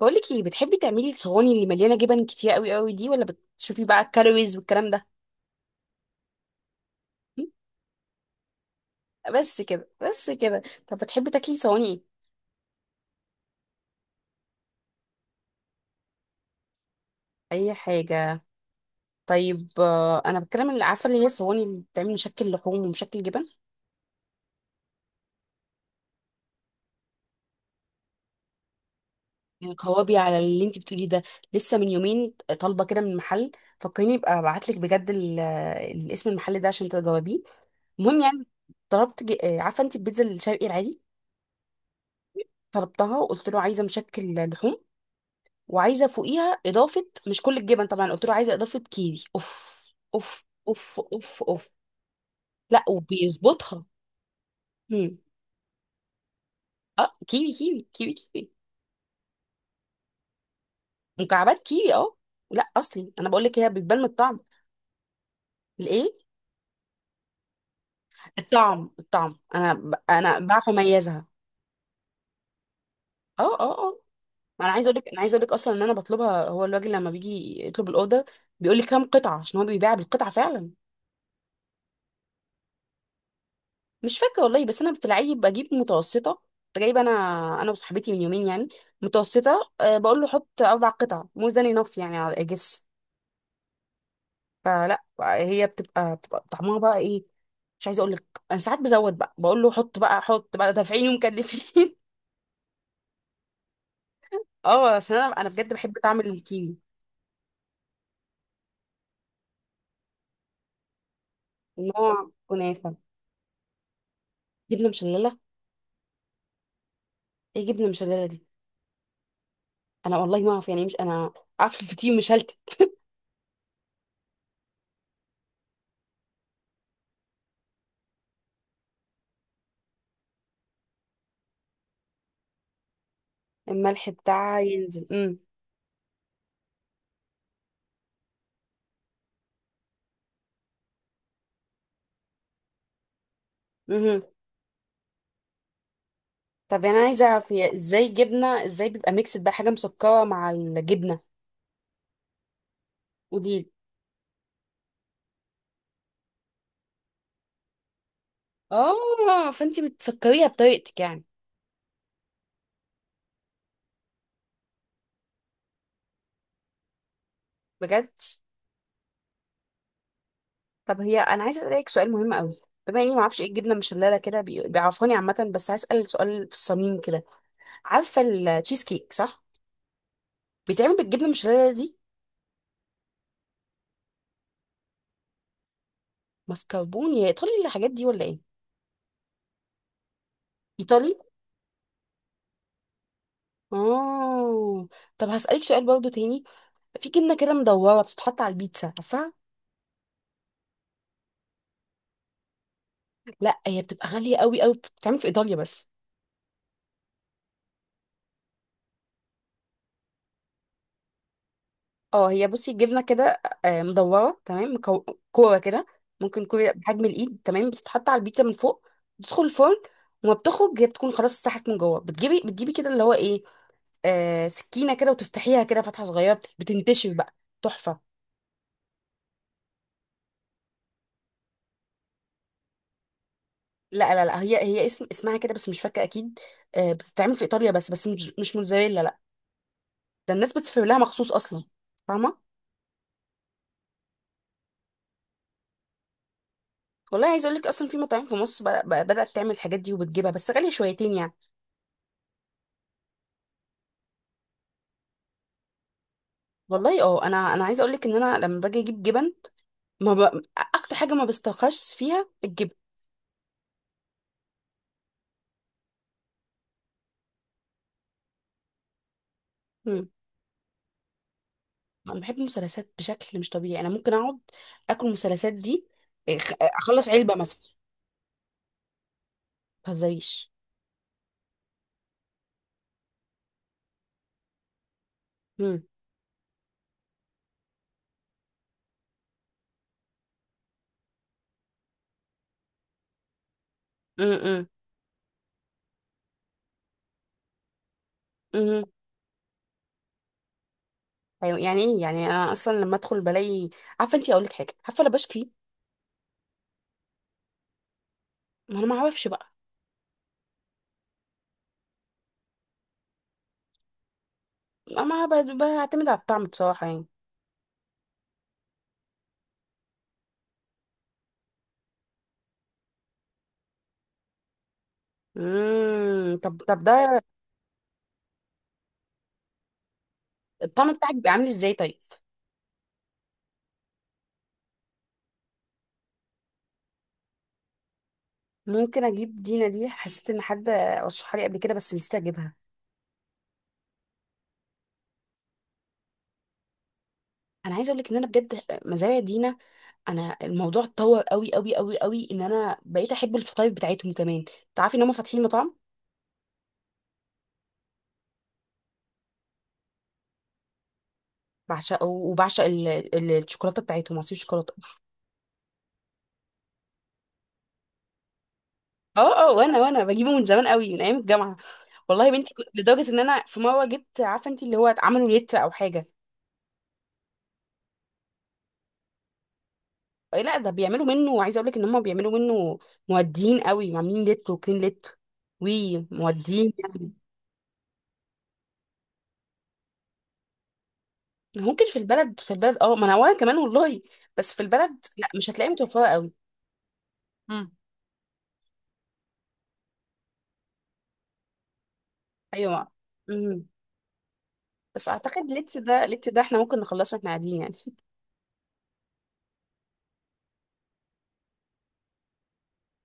بقولك ايه بتحبي تعملي الصواني اللي مليانه جبن كتير قوي دي ولا بتشوفي بقى الكالوريز والكلام ده. بس كده، طب بتحبي تاكلي صواني؟ ايه اي حاجه. طيب انا بتكلم اللي عارفه اللي هي الصواني اللي بتعمل مشكل لحوم ومشكل جبن. يعني قوابي على اللي انت بتقوليه ده، لسه من يومين طالبه كده من محل. فكريني ابقى ابعت لك بجد اسم المحل ده عشان تجاوبيه. المهم يعني، طلبت عارفه انت البيتزا الشرقي العادي؟ طلبتها وقلت له عايزه مشكل لحوم، وعايزه فوقيها اضافه مش كل الجبن طبعا، قلت له عايزه اضافه كيوي. اوف اوف اوف اوف اوف. لا وبيظبطها. هم. اه كيوي كيوي كيوي كيوي. مكعبات كيوي اه. لا اصلي، انا بقول لك هي بتبان من الطعم. الايه؟ الطعم الطعم، انا بعرف اميزها. اه اه اه. ما انا عايزه اقول لك، اصلا ان انا بطلبها، هو الراجل لما بيجي يطلب الاوردر بيقول لي كام قطعه عشان هو بيبيع بالقطعه فعلا. مش فاكره والله، بس انا بتلاقي بجيب متوسطه، كنت جايبه انا انا وصاحبتي من يومين يعني، متوسطه. بقول له حط اربع قطع، مور ذان انف يعني، على اجس. فلا هي بتبقى طعمها بقى ايه، مش عايزه اقول لك. انا ساعات بزود، بقى بقول له حط بقى، حط بقى، دافعيني ومكلفين. اه عشان انا بجد بحب طعم الكيوي. نوع كنافه؟ جبنه مشلله؟ ايه جبنه مشلله دي؟ انا والله ما اعرف يعني إيه، مش انا عارفه الفطير مشلتت؟ الملح بتاعها ينزل، امم. طب يعني انا عايزه اعرف هي ازاي، جبنه ازاي بيبقى ميكس بقى حاجه مسكره مع الجبنه؟ قوليلي. اه فانتي بتسكريها بطريقتك يعني. بجد؟ طب هي انا عايزه اسالك سؤال مهم قوي، بما اني ما اعرفش ايه الجبنه مشلله كده، بيعرفوني عامه، بس عايز اسال سؤال في الصميم كده. عارفه التشيز كيك صح؟ بيتعمل بالجبنه المشلله دي؟ mascarpone يا ايطالي الحاجات دي ولا ايه؟ ايطالي؟ اه. طب هسالك سؤال برضو تاني، في جبنه كده مدوره بتتحط على البيتزا عارفه؟ لا هي بتبقى غالية قوي، بتتعمل في إيطاليا بس. اه هي بصي الجبنه كده مدوره تمام، كوره كده، ممكن كوره بحجم الايد، تمام، بتتحط على البيتزا من فوق، بتدخل الفرن، وما بتخرج هي بتكون خلاص استحت من جوه، بتجيبي كده اللي هو ايه، آه سكينه كده، وتفتحيها كده فتحه صغيره، بتنتشر بقى. تحفه. لا لا لا، هي اسم اسمها كده بس مش فاكره اكيد. آه بتتعمل في ايطاليا بس، بس مش موتزاريلا لا. ده الناس بتسافر لها مخصوص اصلا، فاهمه؟ والله عايز اقول لك اصلا في مطاعم في مصر بدات تعمل الحاجات دي وبتجيبها بس غاليه شويتين يعني. والله اه، انا عايزه اقول لك ان انا لما باجي اجيب جبن، ما ب... اكتر حاجه ما بسترخصش فيها الجبن. مم. انا بحب المثلثات بشكل مش طبيعي، انا ممكن اقعد اكل المثلثات دي، اخلص علبه مثلا. ما تهزريش. مم. مم، مم. مم. أيوة، يعني ايه يعني، انا اصلا لما ادخل بلاقي، عارفه انت، اقول لك حاجه، عارفه انا بشكي. ما انا ما اعرفش بقى. ما ب- بعتمد على الطعم بصراحه يعني. امم. طب ده الطعم بتاعك بيبقى عامل ازاي طيب؟ ممكن اجيب دينا دي، حسيت ان حد رشحها لي قبل كده بس نسيت اجيبها. انا عايزه اقول لك ان انا بجد مزارع دينا، انا الموضوع اتطور قوي ان انا بقيت احب الفطاير بتاعتهم كمان. تعرفي ان هم فاتحين مطعم؟ بعشقه، وبعشق الشوكولاته بتاعتهم، عصير شوكولاته. اه اه، وانا بجيبه من زمان قوي، من ايام الجامعه. والله يا بنتي كنت، لدرجه ان انا في مره جبت، عارفه انت، اللي هو عملوا لتر او حاجه. إيه، لا ده بيعملوا منه، عايزه اقول لك ان هم بيعملوا منه مودين قوي، عاملين لتر، وكلين لتر، وي مودين يعني. ممكن في البلد، في البلد اه، ما انا وانا كمان والله، بس في البلد لا مش هتلاقيها متوفره قوي. ايوه. امم. بس اعتقد لتر ده، لتر ده احنا ممكن نخلصه واحنا قاعدين يعني.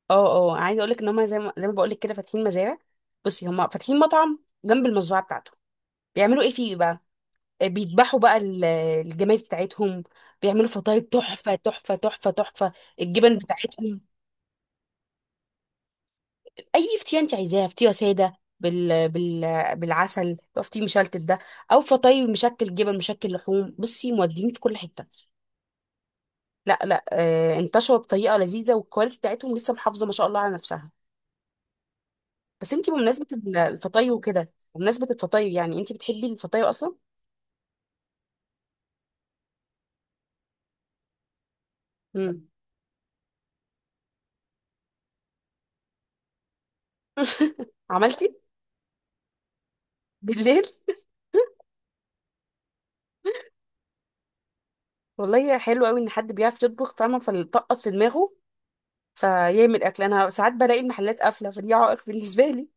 اه اه. عايزه اقول لك ان هم زي ما بقول لك كده، فاتحين مزارع، بصي هم فاتحين مطعم جنب المزرعه بتاعته، بيعملوا ايه فيه بقى، بيذبحوا بقى الجمايز بتاعتهم، بيعملوا فطاير تحفه، الجبن بتاعتهم. اي فتيه انت عايزاها، فتيه ساده بال... بال... بالعسل، لو فتيه مشلتت ده، او فطاي مشكل جبن مشكل لحوم، بصي مودين في كل حته. لا لا آه، انتشروا بطريقه لذيذه، والكواليتي بتاعتهم لسه محافظه ما شاء الله على نفسها. بس انت بمناسبه الفطاي وكده، بمناسبه الفطاي يعني، انت بتحبي الفطاي اصلا؟ امم. عملتي؟ بالليل؟ والله حلو قوي ان حد بيعرف يطبخ، فاهمه، فلطقط في دماغه فيعمل اكل. انا ساعات بلاقي المحلات قافله، فدي عائق بالنسبه لي.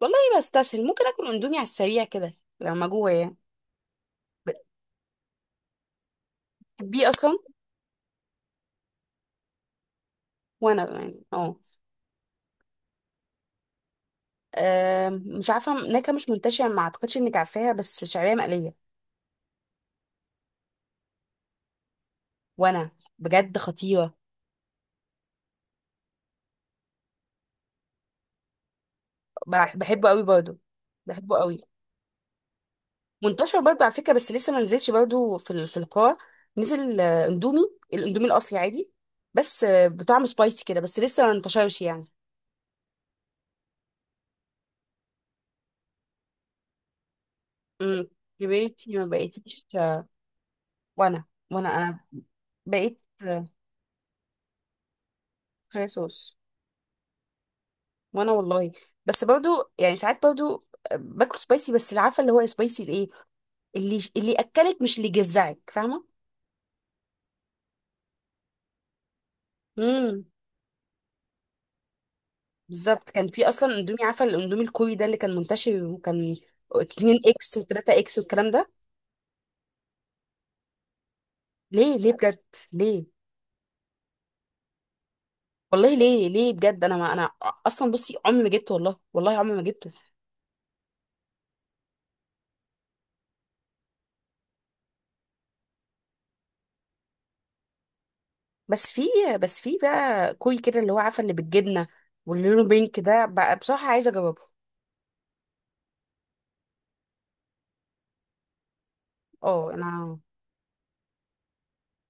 والله بستسهل، ممكن اكل اندومي على السريع كده لما جوه يعني. بتحبيه اصلا؟ وانا يعني اه. مش عارفه، نكهه مش منتشره ما اعتقدش انك عارفاها، بس شعريه مقليه. وانا، بجد خطيره. بحبه قوي برضه. بحبه قوي، منتشر برضه على فكره، بس لسه ما نزلش برضه في في القاع. نزل اندومي، الاندومي الاصلي عادي، بس بطعم سبايسي كده، بس لسه ما انتشرش يعني. امم. كبرتي ما بقيتيش وانا، وانا بقيت صويا صوص. وانا والله، بس برضو يعني ساعات برضو باكل سبايسي، بس اللي عارفه اللي هو سبايسي الايه، اللي اكلك مش اللي جزعك، فاهمه؟ امم. بالظبط كان في اصلا اندومي، عارفه الاندومي الكوري ده اللي كان منتشر، وكان 2 اكس و3 اكس والكلام ده. ليه بجد؟ ليه؟ والله ليه بجد، انا اصلا بصي عمري ما جبته، والله عمري ما جبته. بس في بس في بقى كوري كده اللي هو عارفه، اللي بالجبنه واللي لونه بينك ده بقى، بصراحه عايزه اجربه. اه انا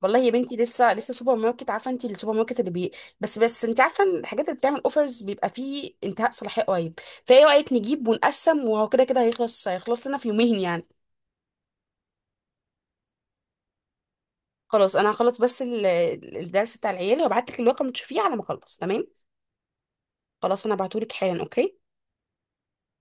والله يا بنتي، لسه سوبر ماركت، عارفه انت السوبر ماركت اللي بي. بس انت عارفه إن الحاجات اللي بتعمل اوفرز بيبقى فيه انتهاء صلاحيه قريب، فايه رايك نجيب ونقسم، وهو كده كده هيخلص، هيخلص لنا في يومين يعني. خلاص انا هخلص بس الدرس بتاع العيال، وابعت لك الورقه تشوفيه على ما اخلص، تمام. خلاص انا هبعته لك حالا، اوكي.